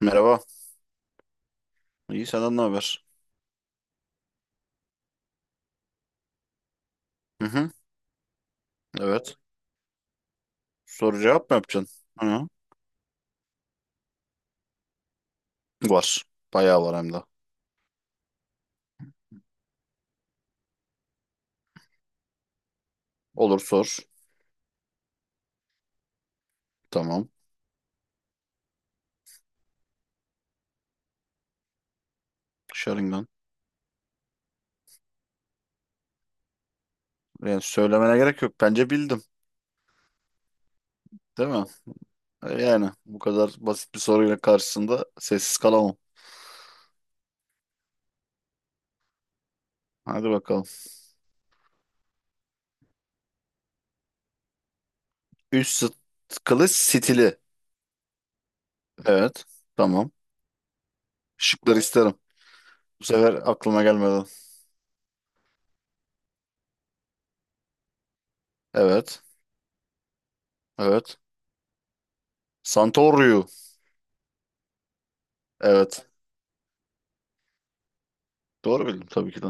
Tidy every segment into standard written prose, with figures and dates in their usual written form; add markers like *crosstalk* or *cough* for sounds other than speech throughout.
Merhaba. İyi senden ne haber? Hı hı. Evet. Soru cevap mı yapacaksın? Hı. Var. Bayağı var hem de. Olur sor. Tamam. Şarından. Yani söylemene gerek yok. Bence bildim. Değil mi? Yani bu kadar basit bir soruyla karşısında sessiz kalamam. Hadi bakalım. Üç kılıç stili. Evet. Tamam. Şıkları isterim. Bu sefer aklıma gelmedi. Evet. Evet. Santorio. Evet. Doğru bildim tabii ki de.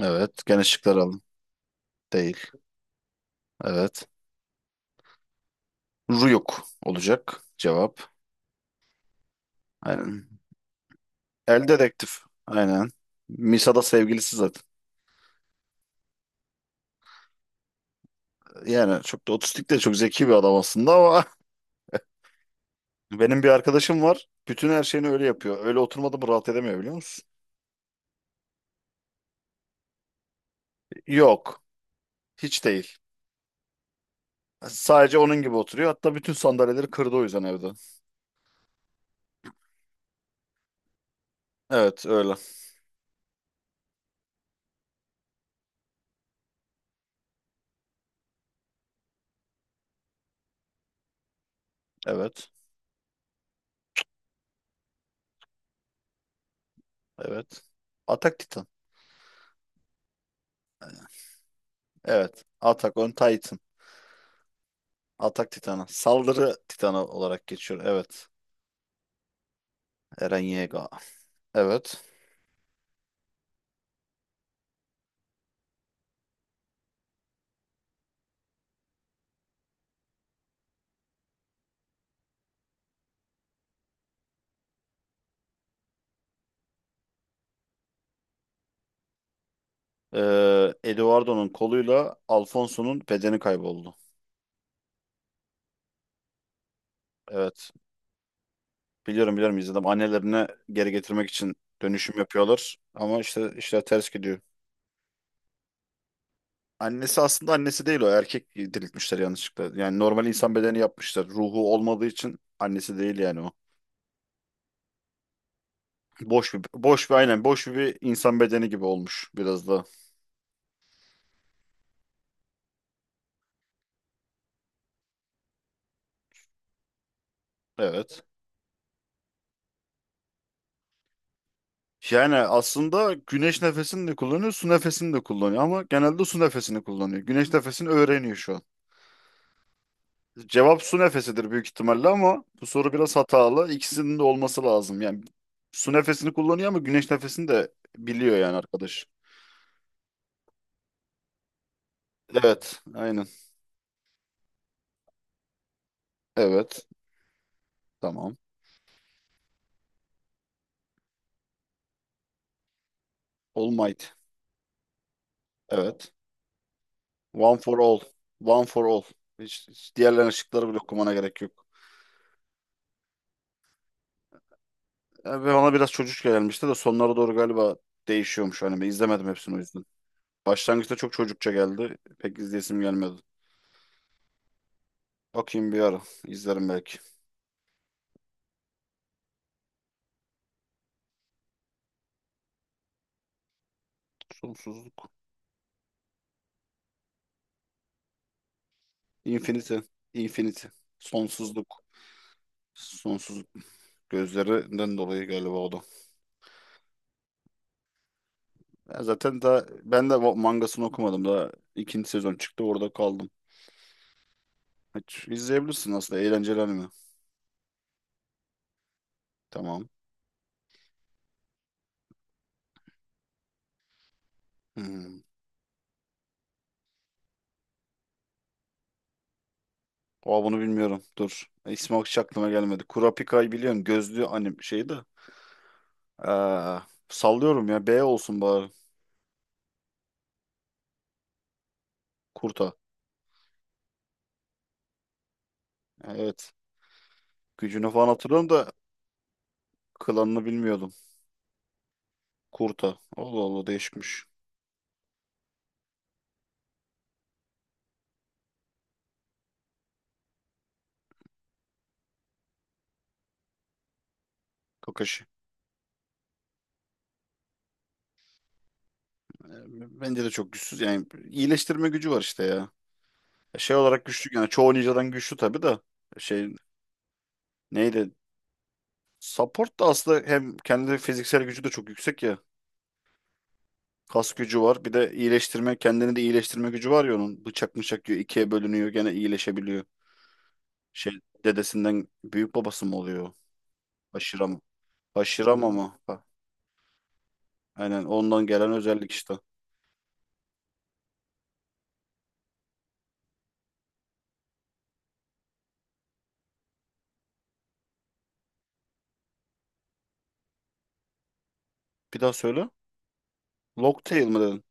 Evet. Gene şıkları aldım. Değil. Evet. Ruyuk olacak cevap. Aynen. El dedektif. Aynen. Misa'da sevgilisi zaten. Yani çok da otistik de çok zeki bir adam aslında ama *laughs* benim bir arkadaşım var. Bütün her şeyini öyle yapıyor. Öyle oturmadı mı rahat edemiyor biliyor musun? Yok. Hiç değil. Sadece onun gibi oturuyor. Hatta bütün sandalyeleri kırdı o yüzden evde. Evet öyle. Evet. Evet. Atak Titan. Evet. Atak on Titan. Atak Titan'a. Saldırı Titan'a olarak geçiyor. Evet. Eren Yeager. Evet. Eduardo'nun koluyla Alfonso'nun bedeni kayboldu. Evet. Biliyorum biliyorum izledim. Annelerine geri getirmek için dönüşüm yapıyorlar. Ama işte işler ters gidiyor. Annesi aslında annesi değil o. Erkek diriltmişler yanlışlıkla. Yani normal insan bedeni yapmışlar. Ruhu olmadığı için annesi değil yani o. Boş bir, boş bir aynen boş bir insan bedeni gibi olmuş biraz da. Evet. Yani aslında güneş nefesini de kullanıyor, su nefesini de kullanıyor ama genelde su nefesini kullanıyor. Güneş nefesini öğreniyor şu an. Cevap su nefesidir büyük ihtimalle ama bu soru biraz hatalı. İkisinin de olması lazım. Yani su nefesini kullanıyor ama güneş nefesini de biliyor yani arkadaş. Evet, aynen. Evet, tamam. All Might. Evet. One for all. One for all. Hiç diğerlerinin şıkları bile okumana gerek yok. Ve ona biraz çocukça gelmişti de sonlara doğru galiba değişiyormuş anime. İzlemedim hepsini o yüzden. Başlangıçta çok çocukça geldi. Pek izleyesim gelmedi. Bakayım bir ara. İzlerim belki. Sonsuzluk. Infinity. Infinity. Sonsuzluk. Sonsuzluk. Gözlerinden dolayı galiba o da. Ya zaten daha ben de o mangasını okumadım. Daha ikinci sezon çıktı orada kaldım. Hiç izleyebilirsin aslında eğlenceli anime. Tamam. Hmm. Aa, bunu bilmiyorum. Dur. İsmi hiç aklıma gelmedi. Kurapika'yı biliyorum. Gözlü anim şeydi. Aa, sallıyorum ya. B olsun bari. Kurta. Evet. Gücünü falan hatırlıyorum da klanını bilmiyordum. Kurta. Allah Allah değişikmiş. Kakashi. Bence de çok güçsüz. Yani iyileştirme gücü var işte ya. Şey olarak güçlü yani çoğu ninjadan güçlü tabii da şey neydi? Support da aslında hem kendi fiziksel gücü de çok yüksek ya. Kas gücü var. Bir de iyileştirme, kendini de iyileştirme gücü var ya onun. Bıçak mıçak yiyor, ikiye bölünüyor, gene iyileşebiliyor. Şey dedesinden büyük babası mı oluyor? Haşira mı? Haşira mı ama? Ha, aynen ondan gelen özellik işte. Bir daha söyle. Locktail mı dedin?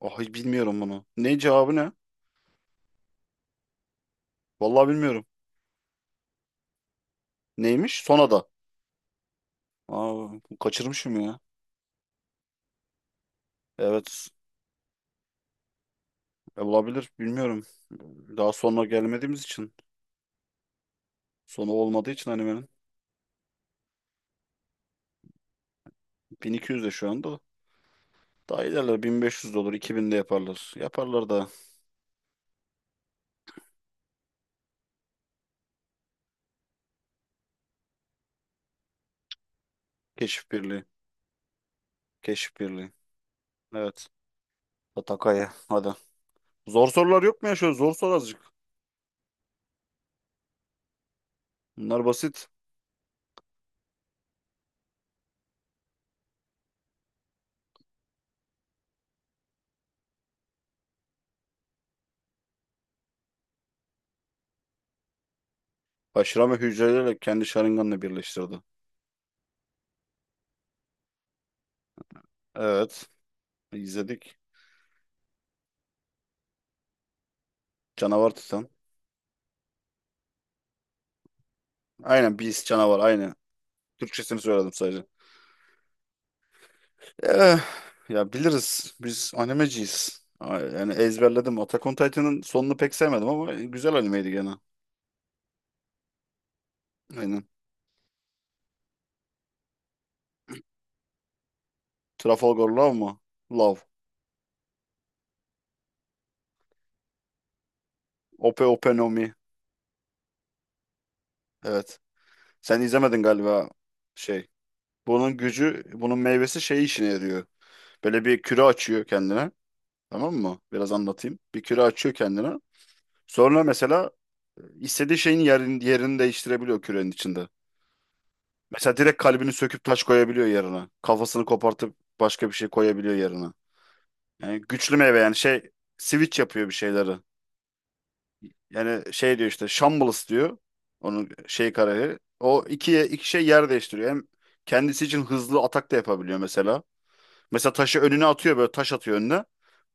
Ah hiç bilmiyorum bunu. Ne cevabı ne? Vallahi bilmiyorum. Neymiş? Sonada. Aa, kaçırmışım ya. Evet. Olabilir. Bilmiyorum. Daha sonra gelmediğimiz için. Sonu olmadığı için animenin. 1200 de şu anda. Daha ilerler. 1500 de olur. 2000 de yaparlar. Yaparlar da. Keşif birliği. Keşif birliği. Evet. Atakaya. Hadi. Zor sorular yok mu ya? Şöyle zor sor azıcık. Bunlar basit. Haşirame hücreleriyle kendi Sharingan'ını birleştirdi. Evet. İzledik. Canavar Titan. Aynen Beast canavar. Aynı. Türkçesini söyledim sadece. Eh, ya biliriz. Biz animeciyiz. Yani ezberledim. Attack on Titan'ın sonunu pek sevmedim ama güzel animeydi gene. Aynen. Trafalgar Law mu? Love. Ope Ope no Mi. Evet. Sen izlemedin galiba şey. Bunun gücü, bunun meyvesi şey işine yarıyor. Böyle bir küre açıyor kendine. Tamam mı? Biraz anlatayım. Bir küre açıyor kendine. Sonra mesela istediği şeyin yerini değiştirebiliyor kürenin içinde. Mesela direkt kalbini söküp taş koyabiliyor yerine. Kafasını kopartıp başka bir şey koyabiliyor yerine. Yani güçlü meyve yani şey switch yapıyor bir şeyleri. Yani şey diyor işte Shambles diyor. Onun şey karakteri. O ikiye iki şey yer değiştiriyor. Hem kendisi için hızlı atak da yapabiliyor mesela. Mesela taşı önüne atıyor böyle taş atıyor önüne.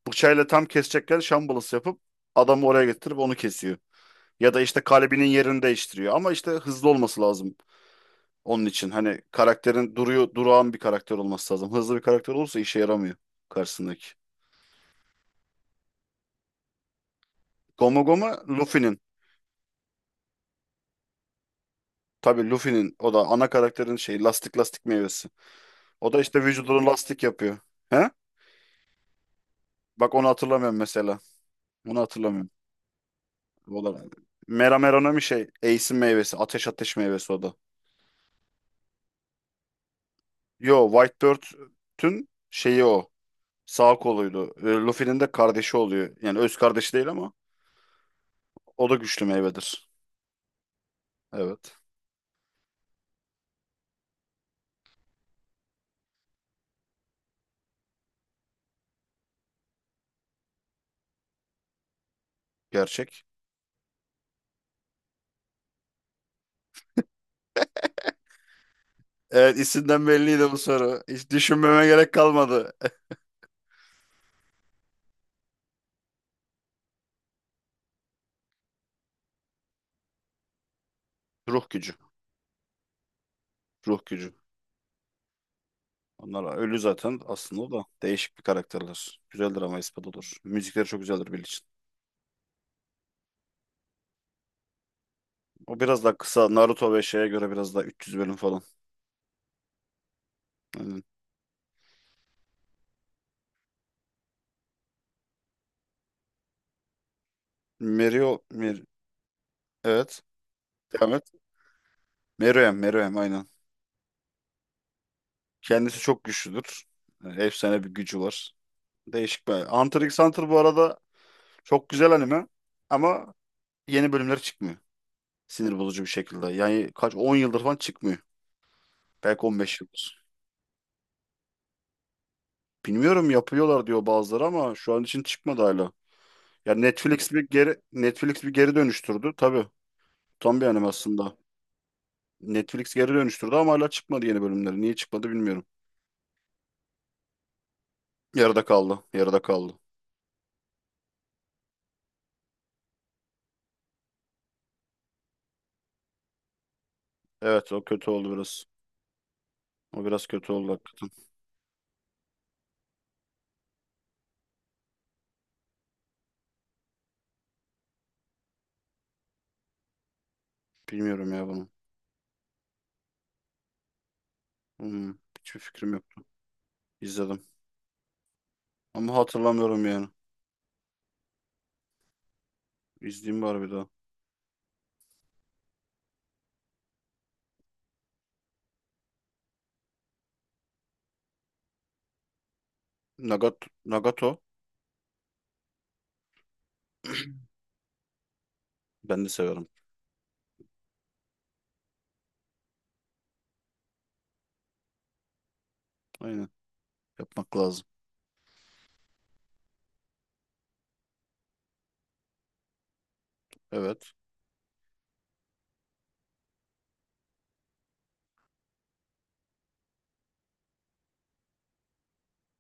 Bıçağıyla tam kesecekken Shambles yapıp adamı oraya getirip onu kesiyor. Ya da işte kalbinin yerini değiştiriyor. Ama işte hızlı olması lazım. Onun için hani karakterin duruyor, durağan bir karakter olması lazım. Hızlı bir karakter olursa işe yaramıyor karşısındaki. Goma Goma Luffy'nin. Tabii Luffy'nin o da ana karakterin şey lastik lastik meyvesi. O da işte vücudunu lastik yapıyor. He? Bak onu hatırlamıyorum mesela. Onu hatırlamıyorum. O da Mera Mera'nın bir şey. Ace'in meyvesi. Ateş ateş meyvesi o da. Yo Whitebeard'ün şeyi o. Sağ koluydu. Luffy'nin de kardeşi oluyor. Yani öz kardeşi değil ama o da güçlü meyvedir. Evet. Gerçek. Evet isimden belliydi bu soru. Hiç düşünmeme gerek kalmadı. Ruh gücü. Ruh gücü. Onlar ölü zaten aslında da. Değişik bir karakterler. Güzeldir ama ispat olur. Müzikleri çok güzeldir Bill için. O biraz daha kısa. Naruto ve şeye göre biraz daha 300 bölüm falan. Aynen. Meruo. Evet. Devam et. Meruem. Meruem aynen. Kendisi çok güçlüdür. Yani efsane bir gücü var. Değişik bir. Hunter x Hunter bu arada çok güzel anime. Ama yeni bölümler çıkmıyor. Sinir bozucu bir şekilde. Yani kaç 10 yıldır falan çıkmıyor. Belki 15 yıldır. Bilmiyorum yapıyorlar diyor bazıları ama şu an için çıkmadı hala. Ya Netflix bir geri dönüştürdü. Tabii. Tam bir anime aslında. Netflix geri dönüştürdü ama hala çıkmadı yeni bölümleri. Niye çıkmadı bilmiyorum. Yarıda kaldı. Yarıda kaldı. Evet o kötü oldu biraz. O biraz kötü oldu hakikaten. Bilmiyorum ya bunu. Hmm, hiçbir fikrim yoktu. İzledim. Ama hatırlamıyorum yani. İzleyeyim bari bir daha. Nagato. Nagato. Ben de severim. Aynen. Yapmak lazım. Evet.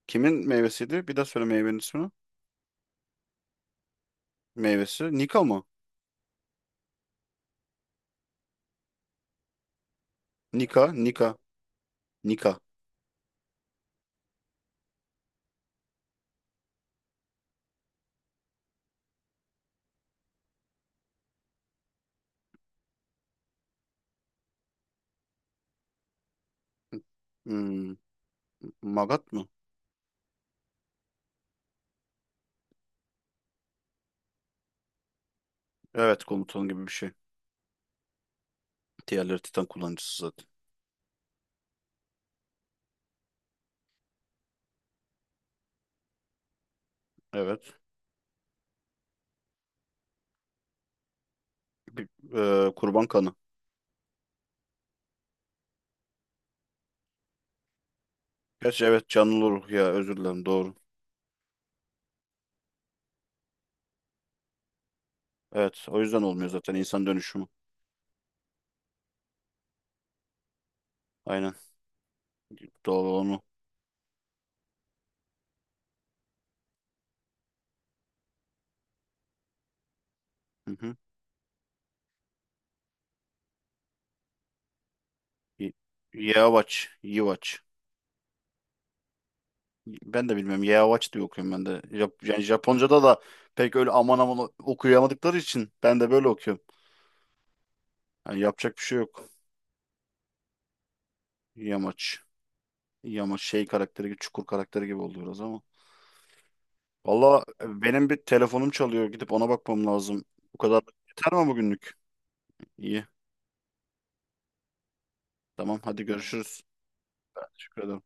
Kimin meyvesiydi? Bir daha söyle meyvenin ismini. Meyvesi. Nika mı? Nika, Nika, Nika. Hmm, Magat mı? Evet komutan gibi bir şey. Diğerleri Titan kullanıcısı zaten. Evet. Bir, kurban kanı. Gerçi evet canlı ruh ya özür dilerim doğru. Evet o yüzden olmuyor zaten insan dönüşümü. Aynen. Doğru onu. Hı hı. Y- Yeavaç. Yivaç. Ben de bilmiyorum. Yeavaç diye okuyorum ben de. Jap yani Japonca'da da pek öyle aman aman okuyamadıkları için ben de böyle okuyorum. Yani yapacak bir şey yok. Yamaç. İyi ama şey karakteri gibi, çukur karakteri gibi oldu biraz ama. Valla benim bir telefonum çalıyor. Gidip ona bakmam lazım. Bu kadar yeter mi bugünlük? İyi. Tamam hadi görüşürüz. Teşekkür ederim.